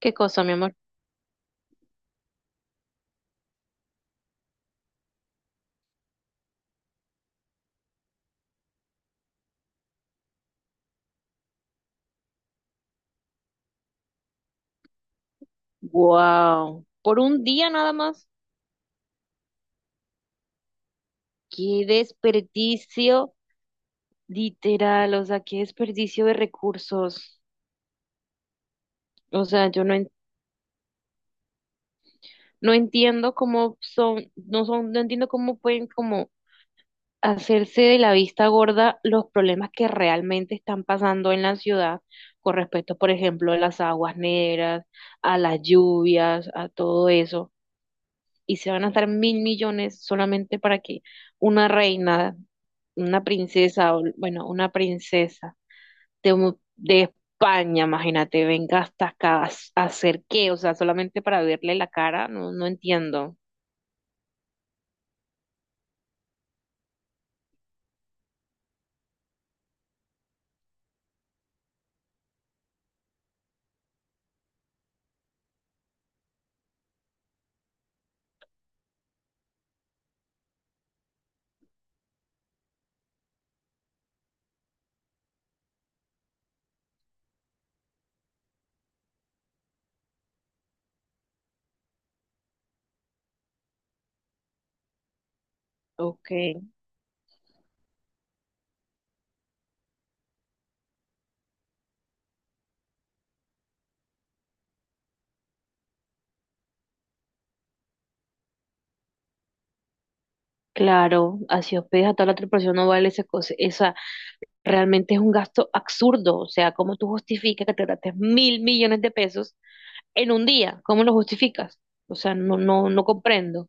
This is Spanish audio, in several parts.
¿Qué cosa, mi amor? Wow, por un día nada más. Qué desperdicio, literal, o sea, qué desperdicio de recursos. O sea, yo no, no entiendo cómo son, no entiendo cómo pueden como hacerse de la vista gorda los problemas que realmente están pasando en la ciudad con respecto, por ejemplo, a las aguas negras, a las lluvias, a todo eso. Y se van a gastar mil millones solamente para que una reina, una princesa, o, bueno, una princesa de, de España, imagínate, venga hasta acá a, a hacer qué, o sea, solamente para verle la cara, no, no entiendo. Ok, claro, así hospedas a toda la tripulación no vale esa cosa, esa realmente es un gasto absurdo, o sea, ¿cómo tú justificas que te gastes mil millones de pesos en un día? ¿Cómo lo justificas? O sea, no, no, no comprendo.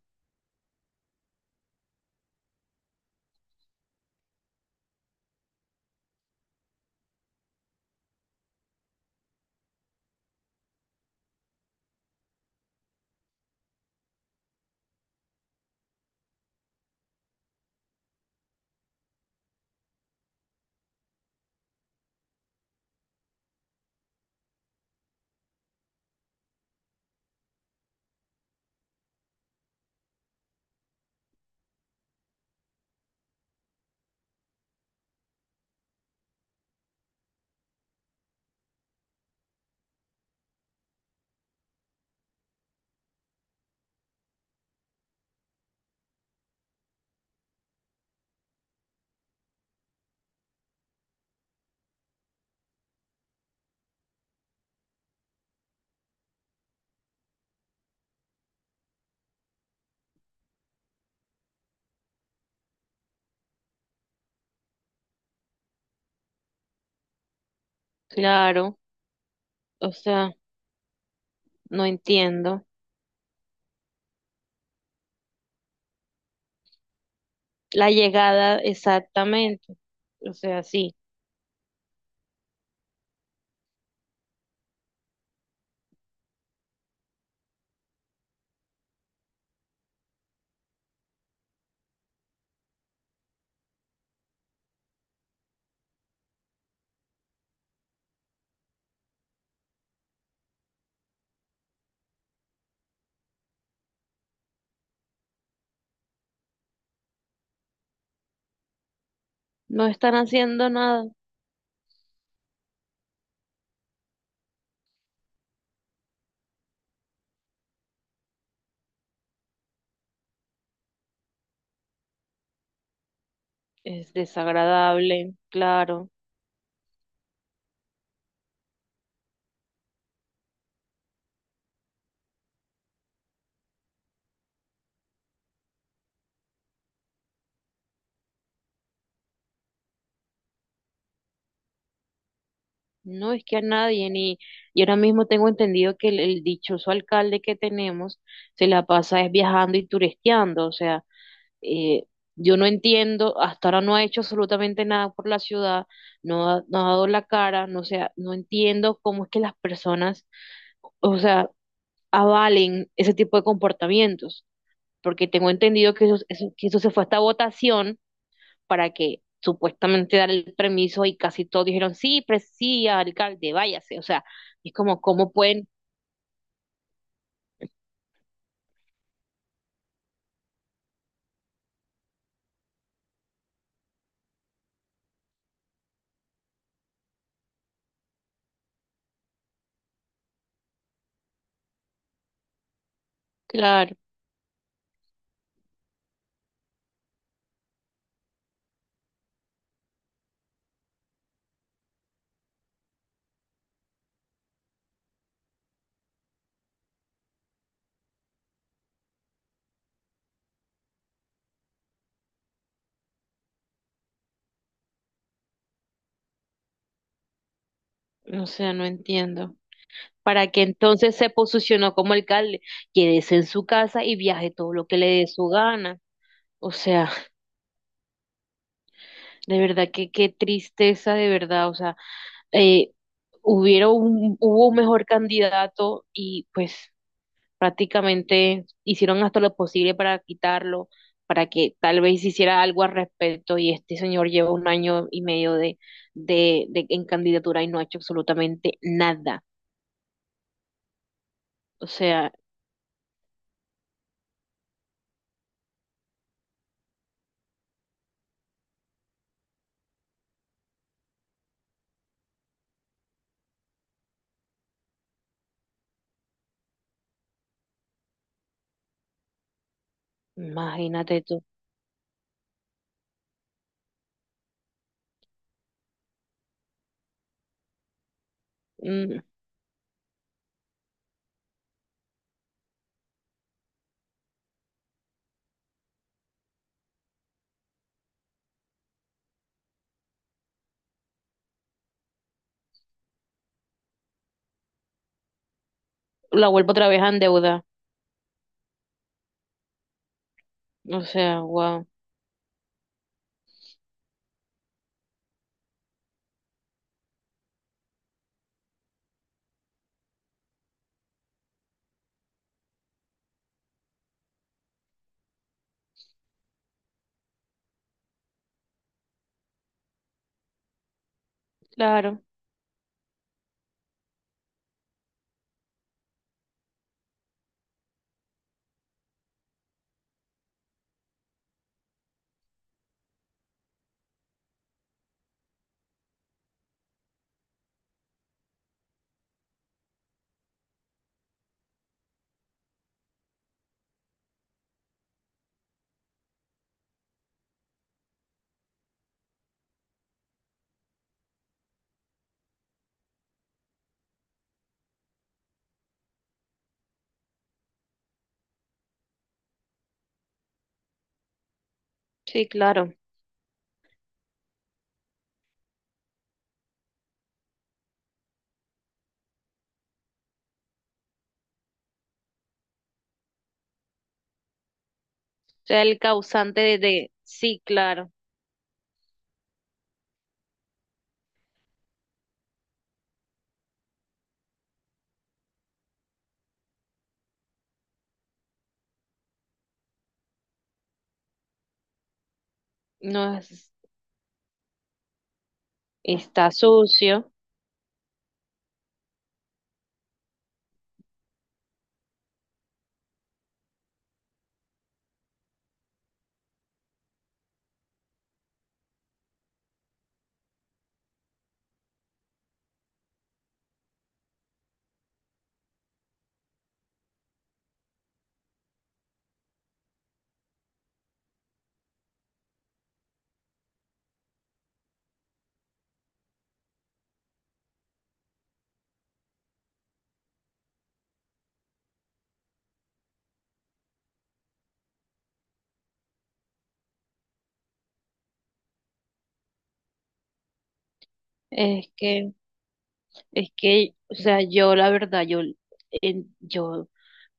Claro, o sea. No entiendo. La llegada, exactamente. O sea, sí, no están haciendo nada. Es desagradable, claro. No es que a nadie, ni. Y ahora mismo tengo entendido que el dichoso alcalde que tenemos se la pasa es viajando y turisteando. O sea, eh, yo no entiendo, hasta ahora no ha hecho absolutamente nada por la ciudad, no ha dado la cara, no, o sea, no entiendo cómo es que las personas, o sea, avalen ese tipo de comportamientos. Porque tengo entendido que que eso se fue hasta votación para que supuestamente dar el permiso y casi todos dijeron, sí, pres sí, alcalde, váyase. O sea, es como, ¿cómo pueden? Claro, o sea no entiendo. Para que entonces se posicionó como alcalde, quédese en su casa y viaje todo lo que le dé su gana. O sea, de verdad que qué tristeza, de verdad. O sea, eh, hubiera un, hubo un mejor candidato y pues prácticamente hicieron hasta lo posible para quitarlo, para que tal vez hiciera algo al respecto y este señor lleva un año y medio de, de en candidatura y no ha hecho absolutamente nada. O sea, imagínate tú. Mm. La vuelvo otra vez a endeudar. O sea, wow. Claro, sí, claro. O sea, el causante de, sí, claro, no es, está sucio. Es que es que, o sea, yo la verdad, yo, en- yo,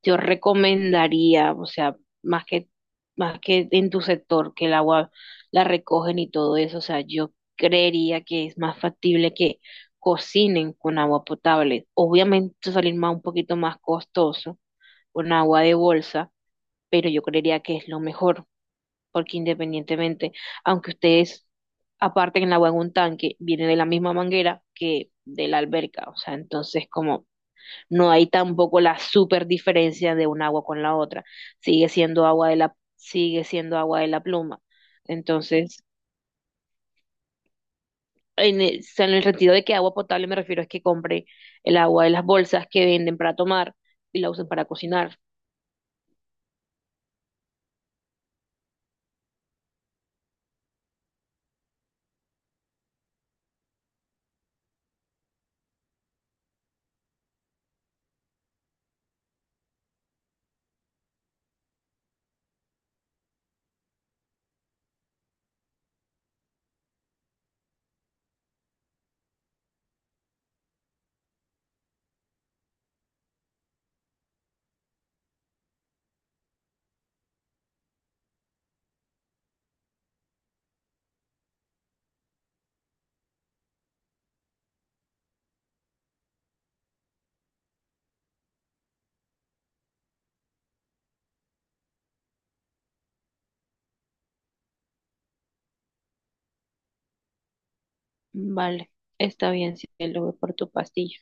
recomendaría, o sea, más que, más que en tu sector, que el agua la recogen y todo eso, o sea, yo creería que es más factible que cocinen con agua potable. Obviamente salir más un poquito más costoso con agua de bolsa, pero yo creería que es lo mejor porque independientemente, aunque ustedes aparten el agua en un tanque, viene de la misma manguera que de la alberca, o sea, entonces como no hay tampoco la super diferencia de un agua con la otra, sigue siendo agua de la, sigue siendo agua de la pluma. Entonces, en el, o sea, en el sentido de que agua potable me refiero es que compre el agua de las bolsas que venden para tomar y la usen para cocinar. Vale, está bien, cielo, voy por tu pastilla.